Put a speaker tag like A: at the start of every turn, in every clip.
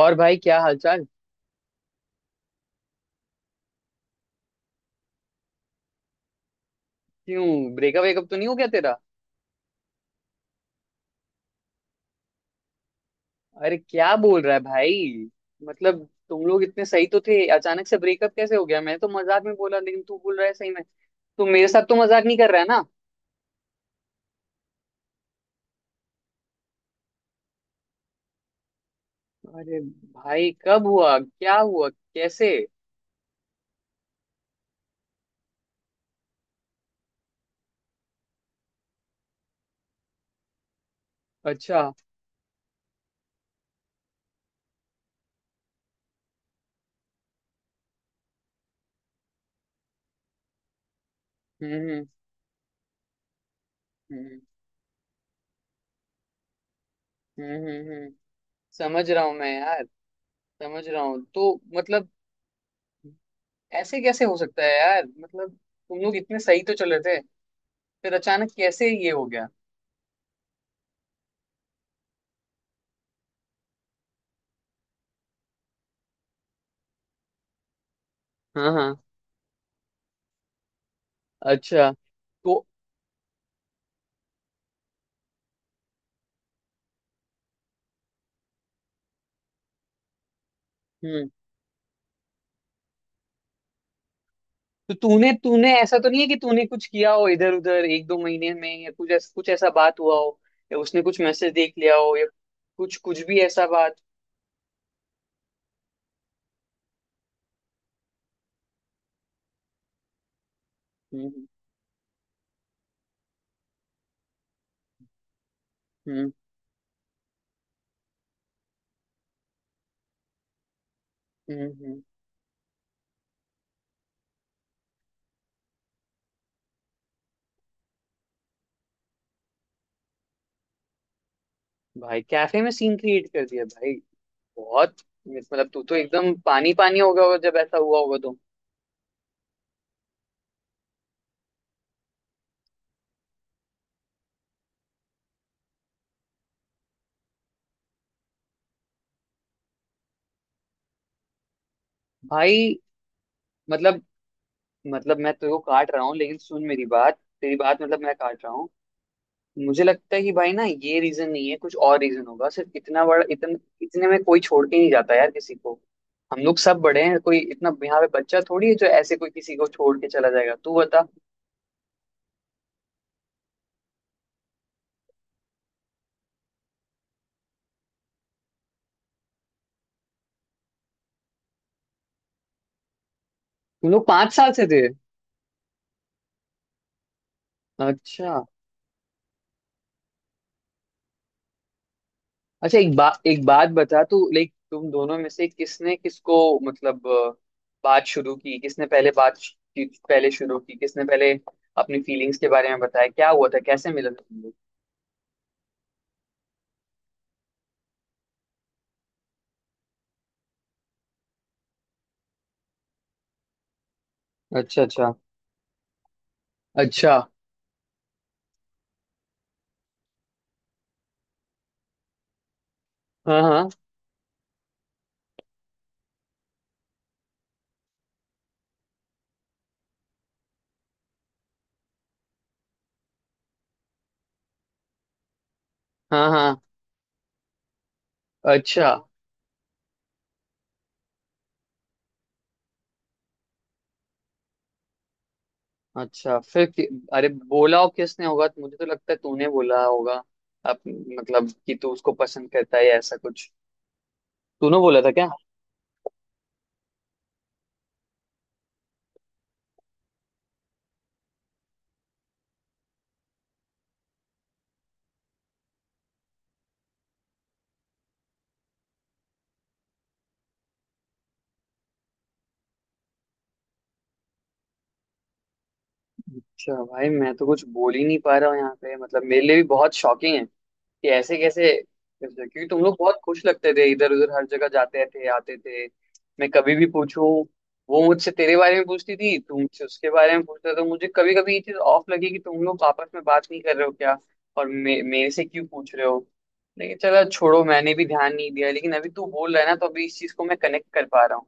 A: और भाई क्या हालचाल? क्यों? ब्रेकअप वेकअप तो नहीं हो गया तेरा? अरे क्या बोल रहा है भाई? मतलब तुम लोग इतने सही तो थे, अचानक से ब्रेकअप कैसे हो गया। मैं तो मजाक में बोला लेकिन तू बोल रहा है सही में। तू मेरे साथ तो मजाक नहीं कर रहा है ना? अरे भाई कब हुआ, क्या हुआ, कैसे? अच्छा। हम्म हम्म हम्म हम्म हम्म, हम्म। समझ रहा हूँ मैं यार। समझ रहा हूँ, तो मतलब ऐसे कैसे हो सकता है यार, मतलब तुम लोग इतने सही तो चल रहे थे, फिर अचानक कैसे ये हो गया? हाँ हाँ। अच्छा। तो हम्म। तो तूने तूने ऐसा तो नहीं है कि तूने कुछ किया हो इधर उधर एक दो महीने में, या कुछ ऐसा बात हुआ हो, या उसने कुछ मैसेज देख लिया हो, या कुछ कुछ भी ऐसा बात? हम्म हम्म हम्म हम्म। भाई कैफे में सीन क्रिएट कर दिया भाई? बहुत। मतलब तू तो एकदम पानी पानी हो गया होगा जब ऐसा हुआ होगा तो। भाई, मतलब मतलब मैं तेरे को काट रहा हूँ लेकिन सुन मेरी बात, तेरी बात मतलब मैं काट रहा हूँ। मुझे लगता है कि भाई ना ये रीजन नहीं है, कुछ और रीजन होगा। सिर्फ इतना बड़ा इतने में कोई छोड़ के नहीं जाता यार किसी को। हम लोग सब बड़े हैं, कोई इतना यहाँ पे बच्चा थोड़ी है जो ऐसे कोई किसी को छोड़ के चला जाएगा। तू बता, तुम लोग 5 साल से थे? अच्छा अच्छा। एक बात बता, तू लाइक तुम दोनों में से किसने किसको मतलब बात शुरू की किसने पहले, पहले शुरू की किसने, पहले अपनी फीलिंग्स के बारे में बताया, क्या हुआ था, कैसे मिला था तुम लोग? अच्छा अच्छा। अच्छा। हाँ हाँ। हाँ हाँ। अच्छा। अच्छा फिर अरे बोला हो किसने होगा तो मुझे तो लगता है तूने बोला होगा। आप मतलब कि तू उसको पसंद करता है या ऐसा कुछ, तूने बोला था क्या? अच्छा भाई, मैं तो कुछ बोल ही नहीं पा रहा हूँ यहाँ पे, मतलब मेरे लिए भी बहुत शॉकिंग है कि ऐसे कैसे। क्योंकि तुम लोग बहुत खुश लगते थे, इधर उधर हर जगह जाते थे आते थे। मैं कभी भी पूछूं, वो मुझसे तेरे बारे में पूछती थी, तू मुझसे उसके बारे में पूछता था, तो मुझे कभी कभी ये चीज ऑफ लगी कि तुम लोग आपस में बात नहीं कर रहे हो क्या, और मेरे से क्यों पूछ रहे हो। लेकिन चलो छोड़ो, मैंने भी ध्यान नहीं दिया। लेकिन अभी तू बोल रहा है ना, तो अभी इस चीज को मैं कनेक्ट कर पा रहा हूँ।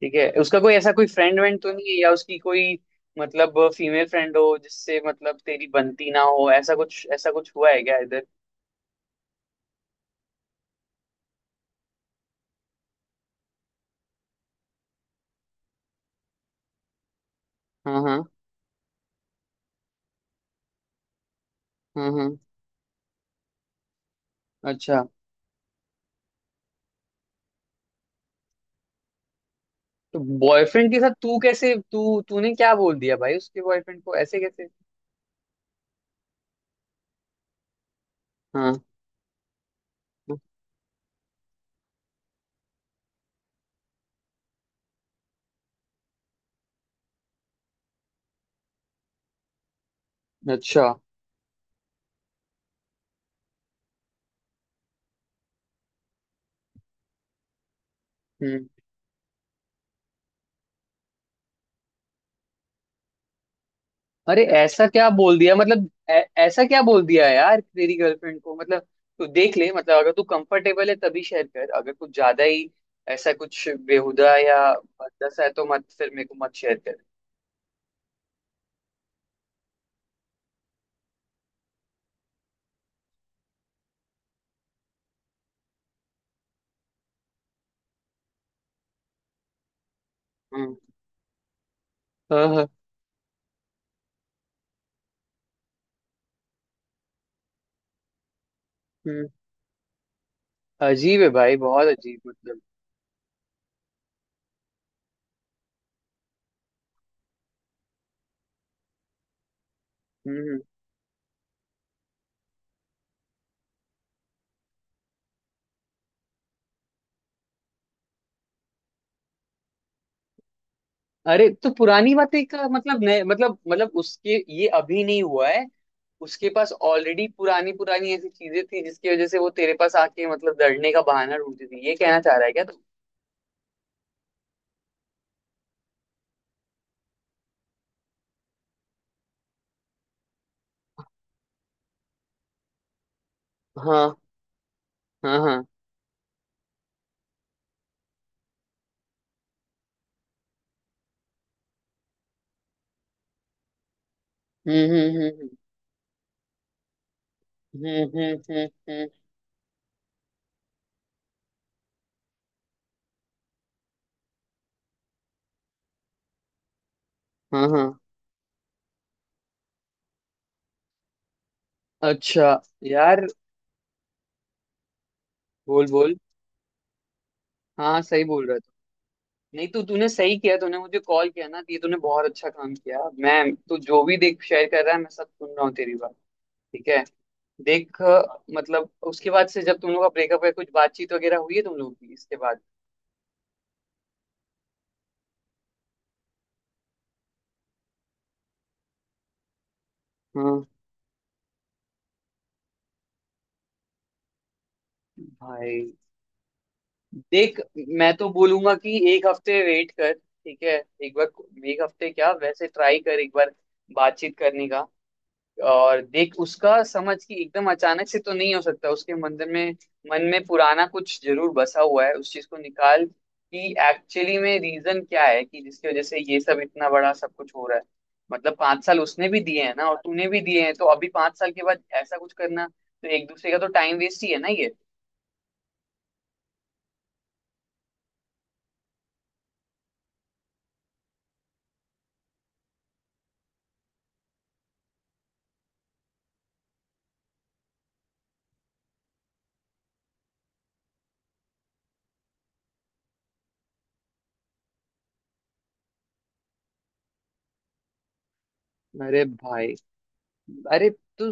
A: ठीक है, उसका कोई ऐसा कोई फ्रेंड वेंड तो नहीं है या उसकी कोई मतलब फीमेल फ्रेंड हो जिससे मतलब तेरी बनती ना हो, ऐसा कुछ हुआ है क्या इधर? हाँ हाँ। हम्म। अच्छा। तो बॉयफ्रेंड के साथ तू कैसे, तू तूने क्या बोल दिया भाई उसके बॉयफ्रेंड को, ऐसे कैसे? हाँ। अच्छा। हम्म। अरे ऐसा क्या बोल दिया मतलब ऐसा क्या बोल दिया यार तेरी गर्लफ्रेंड को, मतलब तू देख ले, मतलब अगर तू कंफर्टेबल है तभी शेयर कर, अगर कुछ ज्यादा ही ऐसा कुछ बेहुदा या भद्दा है तो मत फिर, मेरे को मत शेयर कर। हम्म। हाँ हाँ। हम्म। अजीब है भाई, बहुत अजीब, मतलब। हम्म हम्म। अरे तो पुरानी बातें का मतलब नए मतलब उसके ये अभी नहीं हुआ है, उसके पास ऑलरेडी पुरानी पुरानी ऐसी चीजें थी जिसकी वजह से वो तेरे पास आके मतलब लड़ने का बहाना ढूंढती थी, ये कहना चाह रहा है क्या तू? हाँ हाँ। हाँ। हम्म हम्म हम्म हम्म हम्म हम्म हम्म, हाँ हाँ। अच्छा यार, बोल बोल। हाँ, सही बोल रहा था। नहीं, तो तूने सही किया, तूने मुझे कॉल किया ना तो ये तूने बहुत अच्छा काम किया। मैं तू जो भी देख शेयर कर रहा है मैं सब सुन रहा हूँ तेरी बात। ठीक है। देख, मतलब उसके बाद से जब तुम लोग का ब्रेकअप है, कुछ बातचीत वगैरह हुई है तुम लोग की इसके बाद? हाँ। भाई, देख, मैं तो बोलूंगा कि एक हफ्ते वेट कर। ठीक है? एक बार, एक हफ्ते क्या, वैसे ट्राई कर एक बार बातचीत करने का। और देख उसका समझ कि एकदम अचानक से तो नहीं हो सकता, उसके मंदिर में, मन में पुराना कुछ जरूर बसा हुआ है। उस चीज को निकाल कि एक्चुअली में रीजन क्या है कि जिसकी वजह से ये सब इतना बड़ा सब कुछ हो रहा है। मतलब 5 साल उसने भी दिए हैं ना और तूने भी दिए हैं, तो अभी 5 साल के बाद ऐसा कुछ करना तो एक दूसरे का तो टाइम वेस्ट ही है ना ये। अरे भाई। अरे तू,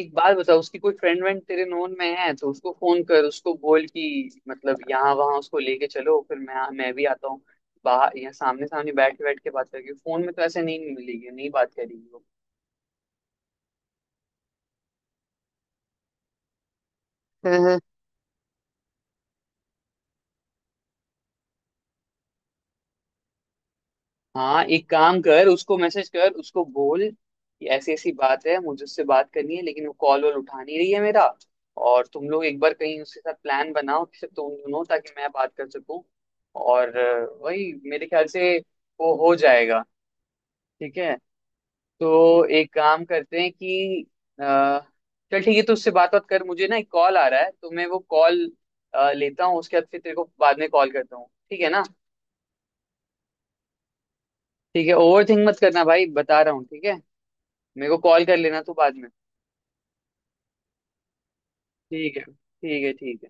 A: एक बात बता, उसकी कोई फ्रेंड वेंड तेरे नोन में है तो उसको फोन कर, उसको बोल कि मतलब यहाँ वहाँ उसको लेके चलो, फिर मैं भी आता हूँ बाहर। यहाँ सामने सामने बैठ के बात करेगी, फोन में तो ऐसे नहीं मिलेगी, नहीं बात करेगी वो। हाँ, एक काम कर, उसको मैसेज कर, उसको बोल कि ऐसी ऐसी बात है, मुझे उससे बात करनी है लेकिन वो कॉल वॉल उठा नहीं रही है मेरा। और तुम लोग एक बार कहीं उसके साथ प्लान बनाओ कि सिर्फ तुम दोनों, ताकि मैं बात कर सकूं। और वही मेरे ख्याल से वो हो जाएगा। ठीक है। तो एक काम करते हैं कि अ, चल ठीक है, तो उससे बात बात कर। मुझे ना एक कॉल आ रहा है तो मैं वो कॉल लेता हूँ, उसके बाद फिर तेरे को बाद में कॉल करता हूँ, ठीक है ना? ठीक है। ओवर थिंक मत करना भाई बता रहा हूँ, ठीक है? मेरे को कॉल कर लेना तू बाद में। ठीक है ठीक है ठीक है।